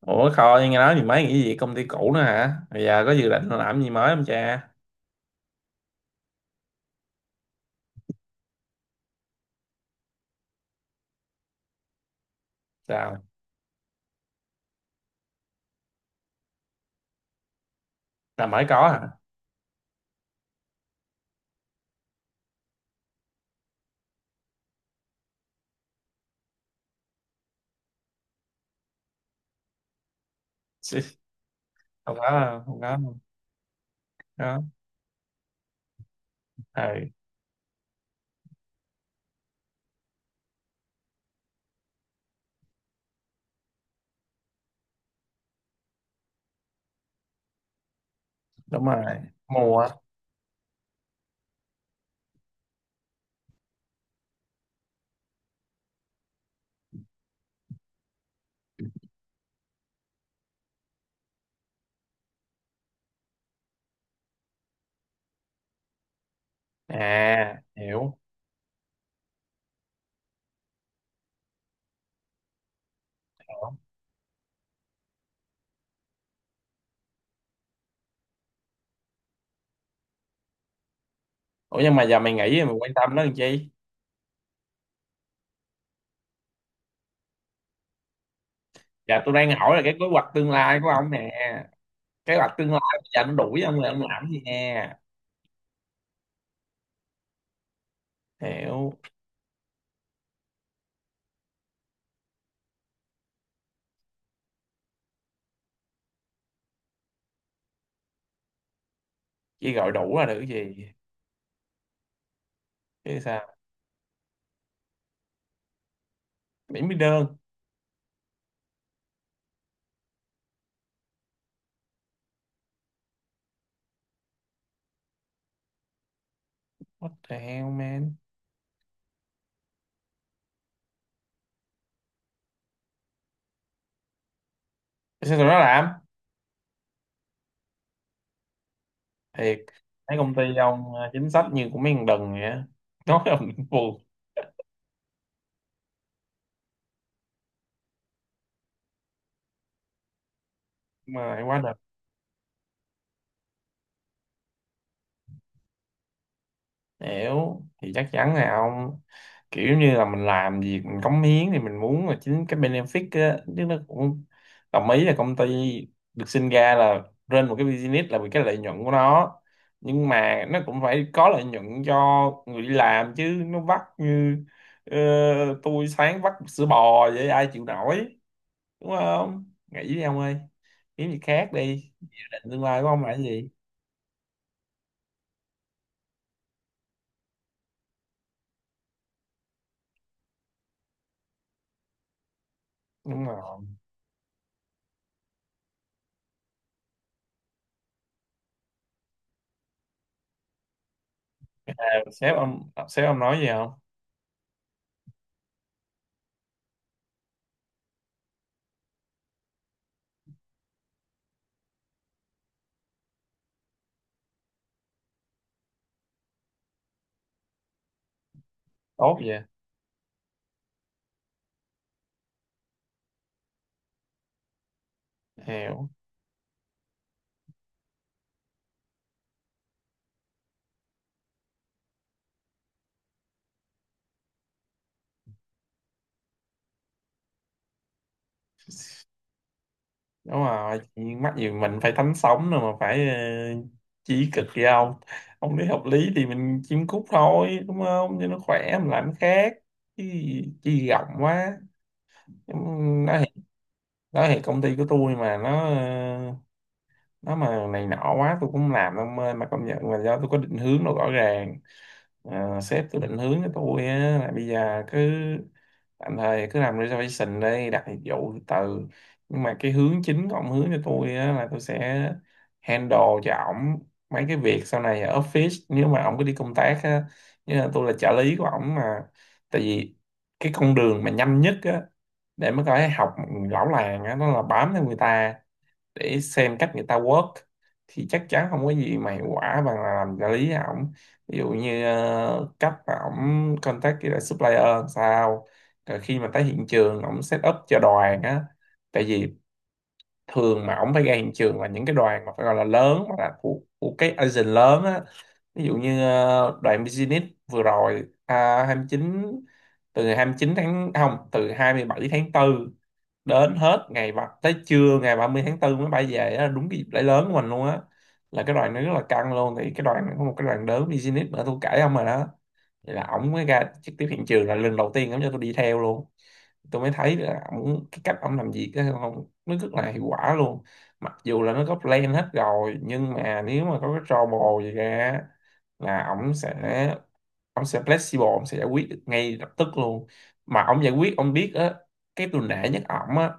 Ủa, Khôi nghe nói thì mới nghỉ việc công ty cũ nữa hả? Bây giờ có dự định làm gì mới không cha? Sao? Là mới có hả? Chứ, không có, không có, không có. Ừ, đúng rồi. Mua. À, hiểu. Ủa nhưng mà giờ mày nghĩ mày quan tâm nó làm chi? Dạ tôi đang hỏi là cái kế hoạch tương lai của ông nè. Kế hoạch tương lai bây giờ nó đuổi ông là ông làm gì nè? Hiểu. Chỉ gọi đủ là được cái gì? Chứ sao? Mỹ mới đơn. What the hell man? Sao tụi nó làm? Thiệt, thấy công ty ông à, chính sách như của mấy thằng đần vậy á nói ông cũng buồn, mà lại quá đần. Hiểu, thì chắc chắn là ông kiểu như là mình làm việc mình cống hiến thì mình muốn là chính cái benefit á, chứ nó cũng đồng ý là công ty được sinh ra là trên một cái business là vì cái lợi nhuận của nó, nhưng mà nó cũng phải có lợi nhuận cho người đi làm, chứ nó vắt như ờ, tôi sáng vắt sữa bò vậy ai chịu nổi, đúng không? Nghĩ đi ông ơi, kiếm gì khác đi. Định tương lai của ông là cái gì? Đúng rồi. À, sếp ông, sếp ông nói gì không? Tốt vậy. Hiểu. Đúng rồi, chuyện mắc gì mình phải thánh sống rồi mà phải chí cực gì không. Ông lý hợp lý thì mình chiêm cúc thôi, đúng không, cho nó khỏe mình làm cái khác, chứ chi rộng quá. Ừm, nói thiệt, nói thiệt công ty của tôi mà nó nó mà này nọ quá tôi cũng không làm đâu ông ơi, mà công nhận là do tôi có định hướng nó rõ ràng. Ờ, sếp cứ định hướng cho tôi á là bây giờ cứ tạm thời cứ làm reservation đi, đặt dịch vụ từ từ, nhưng mà cái hướng chính của ông hướng cho tôi á là tôi sẽ handle cho ổng mấy cái việc sau này ở office nếu mà ổng cứ đi công tác á, như là tôi là trợ lý của ổng mà. Tại vì cái con đường mà nhanh nhất á để mà có thể học lão làng á nó là bám theo người ta để xem cách người ta work, thì chắc chắn không có gì mà hiệu quả bằng là làm trợ lý ổng. Ví dụ như cách mà ổng contact với lại supplier làm sao, rồi khi mà tới hiện trường ổng set up cho đoàn á. Tại vì thường mà ổng phải ra hiện trường là những cái đoàn mà phải gọi là lớn, mà là của cái agent lớn á. Ví dụ như đoàn business vừa rồi à, 29, từ ngày 9 tháng không từ 27 tháng tư đến hết ngày 3, tới trưa ngày 30 tháng tư mới bay về á, đúng cái dịp lễ lớn của mình luôn á, là cái đoàn nó rất là căng luôn. Thì cái đoàn có một cái đoàn lớn business nữa tôi kể ông rồi đó, thì là ổng mới ra trực tiếp hiện trường là lần đầu tiên ổng cho tôi đi theo luôn. Tôi mới thấy là ổng, cái cách ổng làm việc á, không, nó rất là hiệu quả luôn. Mặc dù là nó có plan hết rồi nhưng mà nếu mà có cái trouble gì ra á, là ổng sẽ, ông sẽ flexible, ông sẽ giải quyết được ngay lập tức luôn. Mà ông giải quyết ông biết á, cái tôi nể nhất ổng á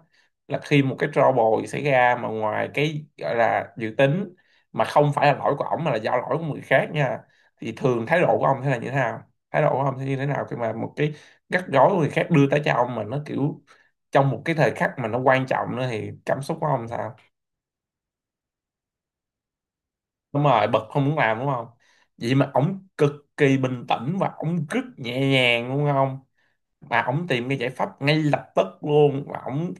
là khi một cái trouble xảy ra mà ngoài cái gọi là dự tính, mà không phải là lỗi của ổng mà là do lỗi của người khác nha, thì thường thái độ của ông sẽ là như thế nào? Thái độ của ông sẽ như thế nào khi mà một cái rắc rối của người khác đưa tới cho ông, mà nó kiểu trong một cái thời khắc mà nó quan trọng nữa, thì cảm xúc của ông sao? Đúng rồi, bật không muốn làm đúng không? Vậy mà ổng cực kỳ bình tĩnh và ổng rất nhẹ nhàng đúng không, mà ổng tìm cái giải pháp ngay lập tức luôn và ổng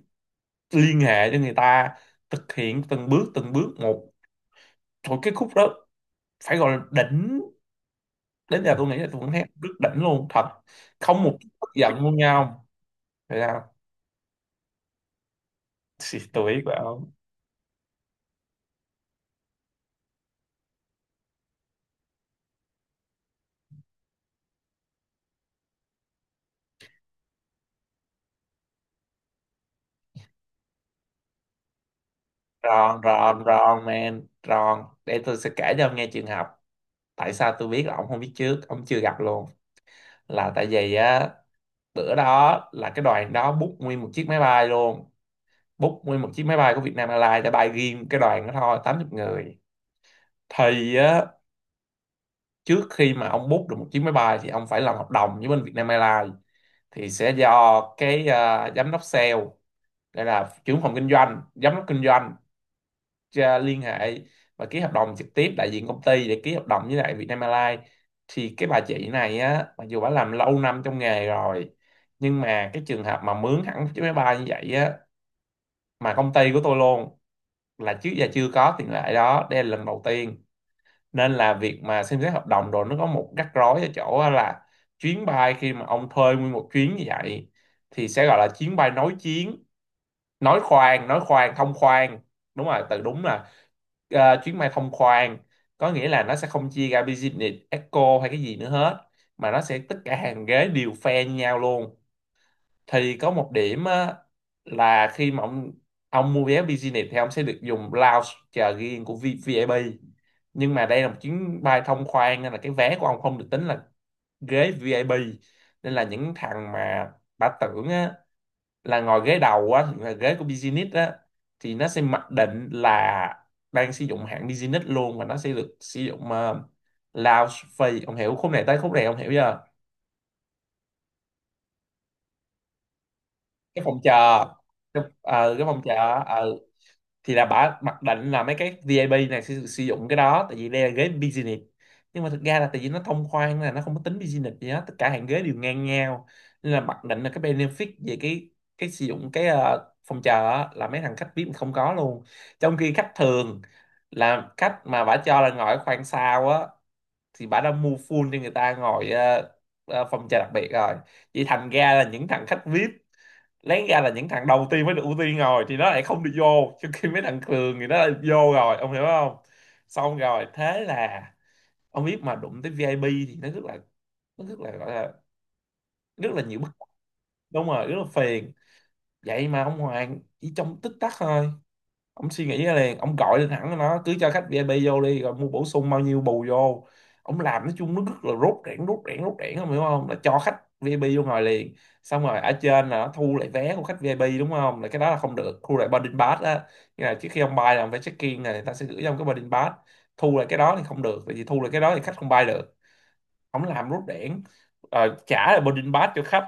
liên hệ với người ta, thực hiện từng bước một. Thôi cái khúc đó phải gọi là đỉnh, đến giờ tôi nghĩ là tôi vẫn thấy rất đỉnh luôn thật, không một chút tức giận luôn nhau không. Thấy không? Xì, tôi biết rồi không? Ron Ron Ron man Ron, để tôi sẽ kể cho ông nghe trường hợp tại sao tôi biết là ông không biết trước, ông chưa gặp luôn. Là tại vì á, bữa đó là cái đoàn đó book nguyên một chiếc máy bay luôn, book nguyên một chiếc máy bay của Vietnam Airlines để bay riêng cái đoàn đó thôi, 80 người. Thì á, trước khi mà ông book được một chiếc máy bay thì ông phải làm hợp đồng với bên Vietnam Airlines, thì sẽ do cái à, giám đốc sale, đây là trưởng phòng kinh doanh, giám đốc kinh doanh à, liên hệ và ký hợp đồng trực tiếp đại diện công ty để ký hợp đồng với lại Vietnam Airlines. Thì cái bà chị này á, mặc dù bà làm lâu năm trong nghề rồi, nhưng mà cái trường hợp mà mướn hẳn một chiếc máy bay như vậy á, mà công ty của tôi luôn, là trước giờ chưa có tiền lệ đó, đây là lần đầu tiên. Nên là việc mà xem xét hợp đồng rồi, nó có một rắc rối ở chỗ á là chuyến bay khi mà ông thuê nguyên một chuyến như vậy thì sẽ gọi là chuyến bay nối chuyến, nói khoang, nói khoang thông khoang. Đúng rồi, từ đúng là chuyến bay thông khoang, có nghĩa là nó sẽ không chia ra business eco hay cái gì nữa hết, mà nó sẽ tất cả hàng ghế đều phe như nhau luôn. Thì có một điểm á, là khi mà ông mua vé business thì ông sẽ được dùng lounge chờ riêng của VIP, nhưng mà đây là một chuyến bay thông khoang nên là cái vé của ông không được tính là ghế VIP. Nên là những thằng mà bà tưởng á, là ngồi ghế đầu á thì là ghế của business á, thì nó sẽ mặc định là đang sử dụng hạng business luôn và nó sẽ được sử dụng lounge free, ông hiểu khúc này, tới khúc này ông hiểu chưa? Cái phòng chờ, cái, cái phòng chờ. Ờ, thì là bả mặc định là mấy cái VIP này sẽ được sử dụng cái đó tại vì đây là ghế business, nhưng mà thực ra là tại vì nó thông khoan là nó không có tính business gì hết, tất cả hàng ghế đều ngang nhau. Nên là mặc định là cái benefit về cái sử dụng cái phòng chờ á, là mấy thằng khách VIP không có luôn. Trong khi khách thường là khách mà bả cho là ngồi ở khoang sau á, thì bả đã mua full cho người ta ngồi phòng chờ đặc biệt rồi. Vậy thành ra là những thằng khách VIP lấy ra là những thằng đầu tiên mới được ưu tiên rồi, thì nó lại không được vô, trong khi mấy thằng thường thì nó lại vô rồi, ông hiểu không? Xong rồi thế là ông biết mà đụng tới VIP thì nó rất là, nó rất là gọi là rất là nhiều bức. Đúng rồi, rất là phiền. Vậy mà ông Hoàng chỉ trong tích tắc thôi, ông suy nghĩ ra liền, ông gọi lên hẳn nó cứ cho khách VIP vô đi rồi mua bổ sung bao nhiêu bù vô. Ông làm nói chung nó rất là rốt rẽn rốt rẽn rốt rẽn, ông hiểu không, là cho khách VIP vô ngồi liền. Xong rồi ở trên là nó thu lại vé của khách VIP đúng không, là cái đó là không được thu lại boarding pass á, như là trước khi ông bay là ông phải check in này, người ta sẽ gửi cho ông cái boarding pass, thu lại cái đó thì không được tại vì thu lại cái đó thì khách không bay được. Ông làm rốt rẽn, trả lại boarding pass cho khách,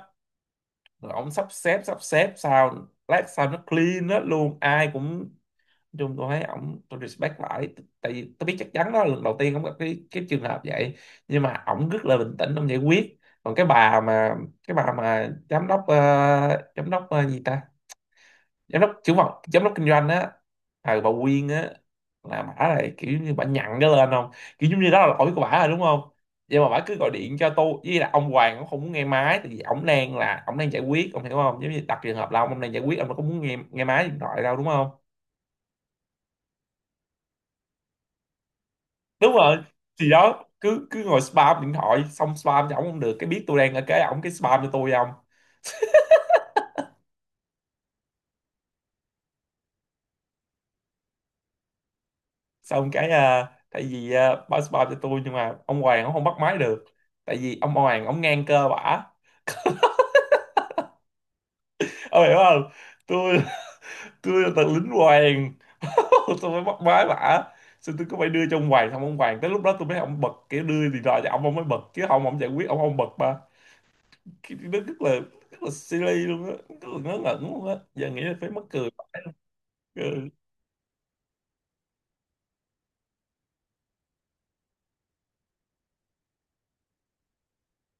rồi ông sắp xếp sao lát sao nó clean hết luôn, ai cũng, chung tôi thấy ổng tôi respect lại. Tại vì tôi biết chắc chắn đó là lần đầu tiên ổng gặp cái trường hợp vậy, nhưng mà ổng rất là bình tĩnh ổng giải quyết. Còn cái bà mà, cái bà mà giám đốc giám đốc gì ta, giám đốc trưởng phòng Giám đốc kinh doanh á, bà Quyên á. Là bả này kiểu như bả nhặn cái lên không, kiểu giống như đó là lỗi của bả rồi, đúng không? Nhưng mà bả cứ gọi điện cho tôi, với là ông Hoàng cũng không muốn nghe máy, tại vì ổng đang là ổng đang giải quyết, ông hiểu không? Giống như đặt trường hợp là ông đang giải quyết, ông đâu có muốn nghe nghe máy điện thoại đâu, đúng không? Đúng rồi. Thì đó, cứ cứ ngồi spam điện thoại, xong spam cho ổng không được, cái biết tôi đang ở cái ổng cái spam cho tôi không. Xong cái, tại vì báo spam cho tôi, nhưng mà ông Hoàng ông không bắt máy được. Tại vì ông Hoàng ông ngang cơ bả, ông hiểu không? tôi tôi là tờ lính Hoàng. Tôi mới bắt máy bả. Xong tôi cứ phải đưa cho ông Hoàng, xong ông Hoàng tới lúc đó tôi mới ông bật, kiểu đưa điện thoại cho ông mới bật, chứ không ông giải quyết ông không bật mà. Nó rất là silly luôn á, rất là ngớ ngẩn luôn á, giờ nghĩ là phải mắc cười. Ừ.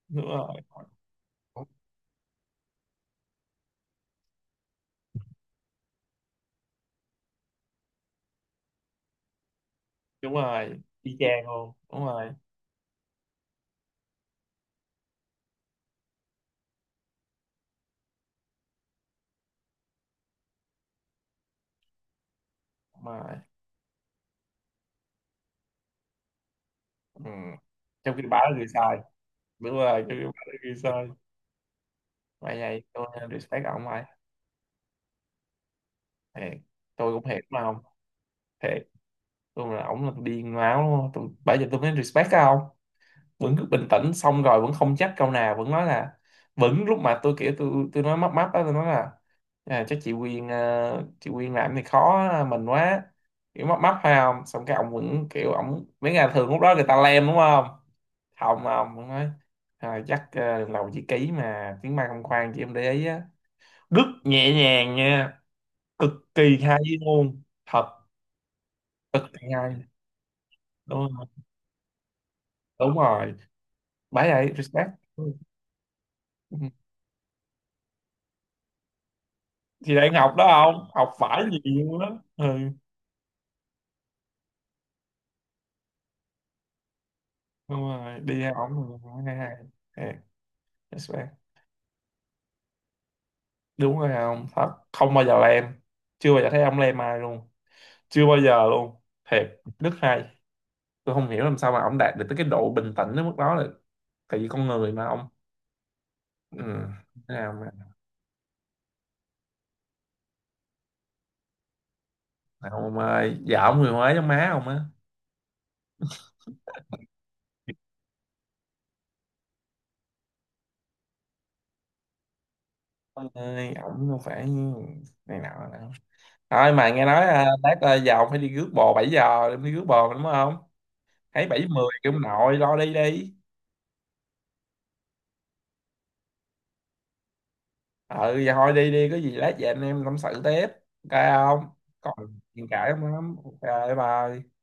Đúng rồi. Y chang luôn, đúng rồi. Đúng rồi. Ừ. Trong khi bà là người sai. Đúng rồi, trong khi bà là người sai. Vậy này tôi respect ổng ai. Thiệt. Tôi cũng thiệt mà không. Thiệt. Tôi là ổng là điên máu luôn, tôi bây giờ tôi mới respect ông. Vẫn cứ bình tĩnh, xong rồi vẫn không chắc câu nào, vẫn nói là, vẫn lúc mà tôi kiểu tôi nói mấp máp á, tôi nói là, chắc chị Quyên, chị Quyên làm thì khó mình quá, kiểu mấp máp phải không. Xong cái ông vẫn kiểu ông mấy ngày thường lúc đó người ta lem đúng không. Không, ông vẫn nói, chắc lần đầu chị ký mà tiếng Mai không, khoan chị em để ý á. Rất nhẹ nhàng nha, cực kỳ hay luôn thật. Cực kỳ hay. Đúng rồi. Đúng rồi. Bái ấy respect. Ừ. Thì đang học đó, không học phải nhiều đó. Ừ. Đúng rồi, đi học không hai hay. Yeah, that's right. Đúng rồi, không thật, không bao giờ lem. Chưa bao giờ thấy ông lem ai luôn. Chưa bao giờ luôn. Thiệt rất hay. Tôi không hiểu làm sao mà ông đạt được tới cái độ bình tĩnh đến mức đó, là tại vì con người mà ông. Ừ. Thế nào mà nào, ông ơi vợ ông người Huế giống má ông á. Ông ơi ổng không phải, này nào nào, thôi mà nghe nói, lát, giờ ông phải đi rước bò, 7 giờ đi rước bò mà đúng không. Thấy 7:10, kêu ông nội lo đi đi. Ừ, dạ thôi đi đi, có gì lát về anh em tâm sự tiếp. Ok không? Còn chuyện cãi không lắm. Ok. Bye.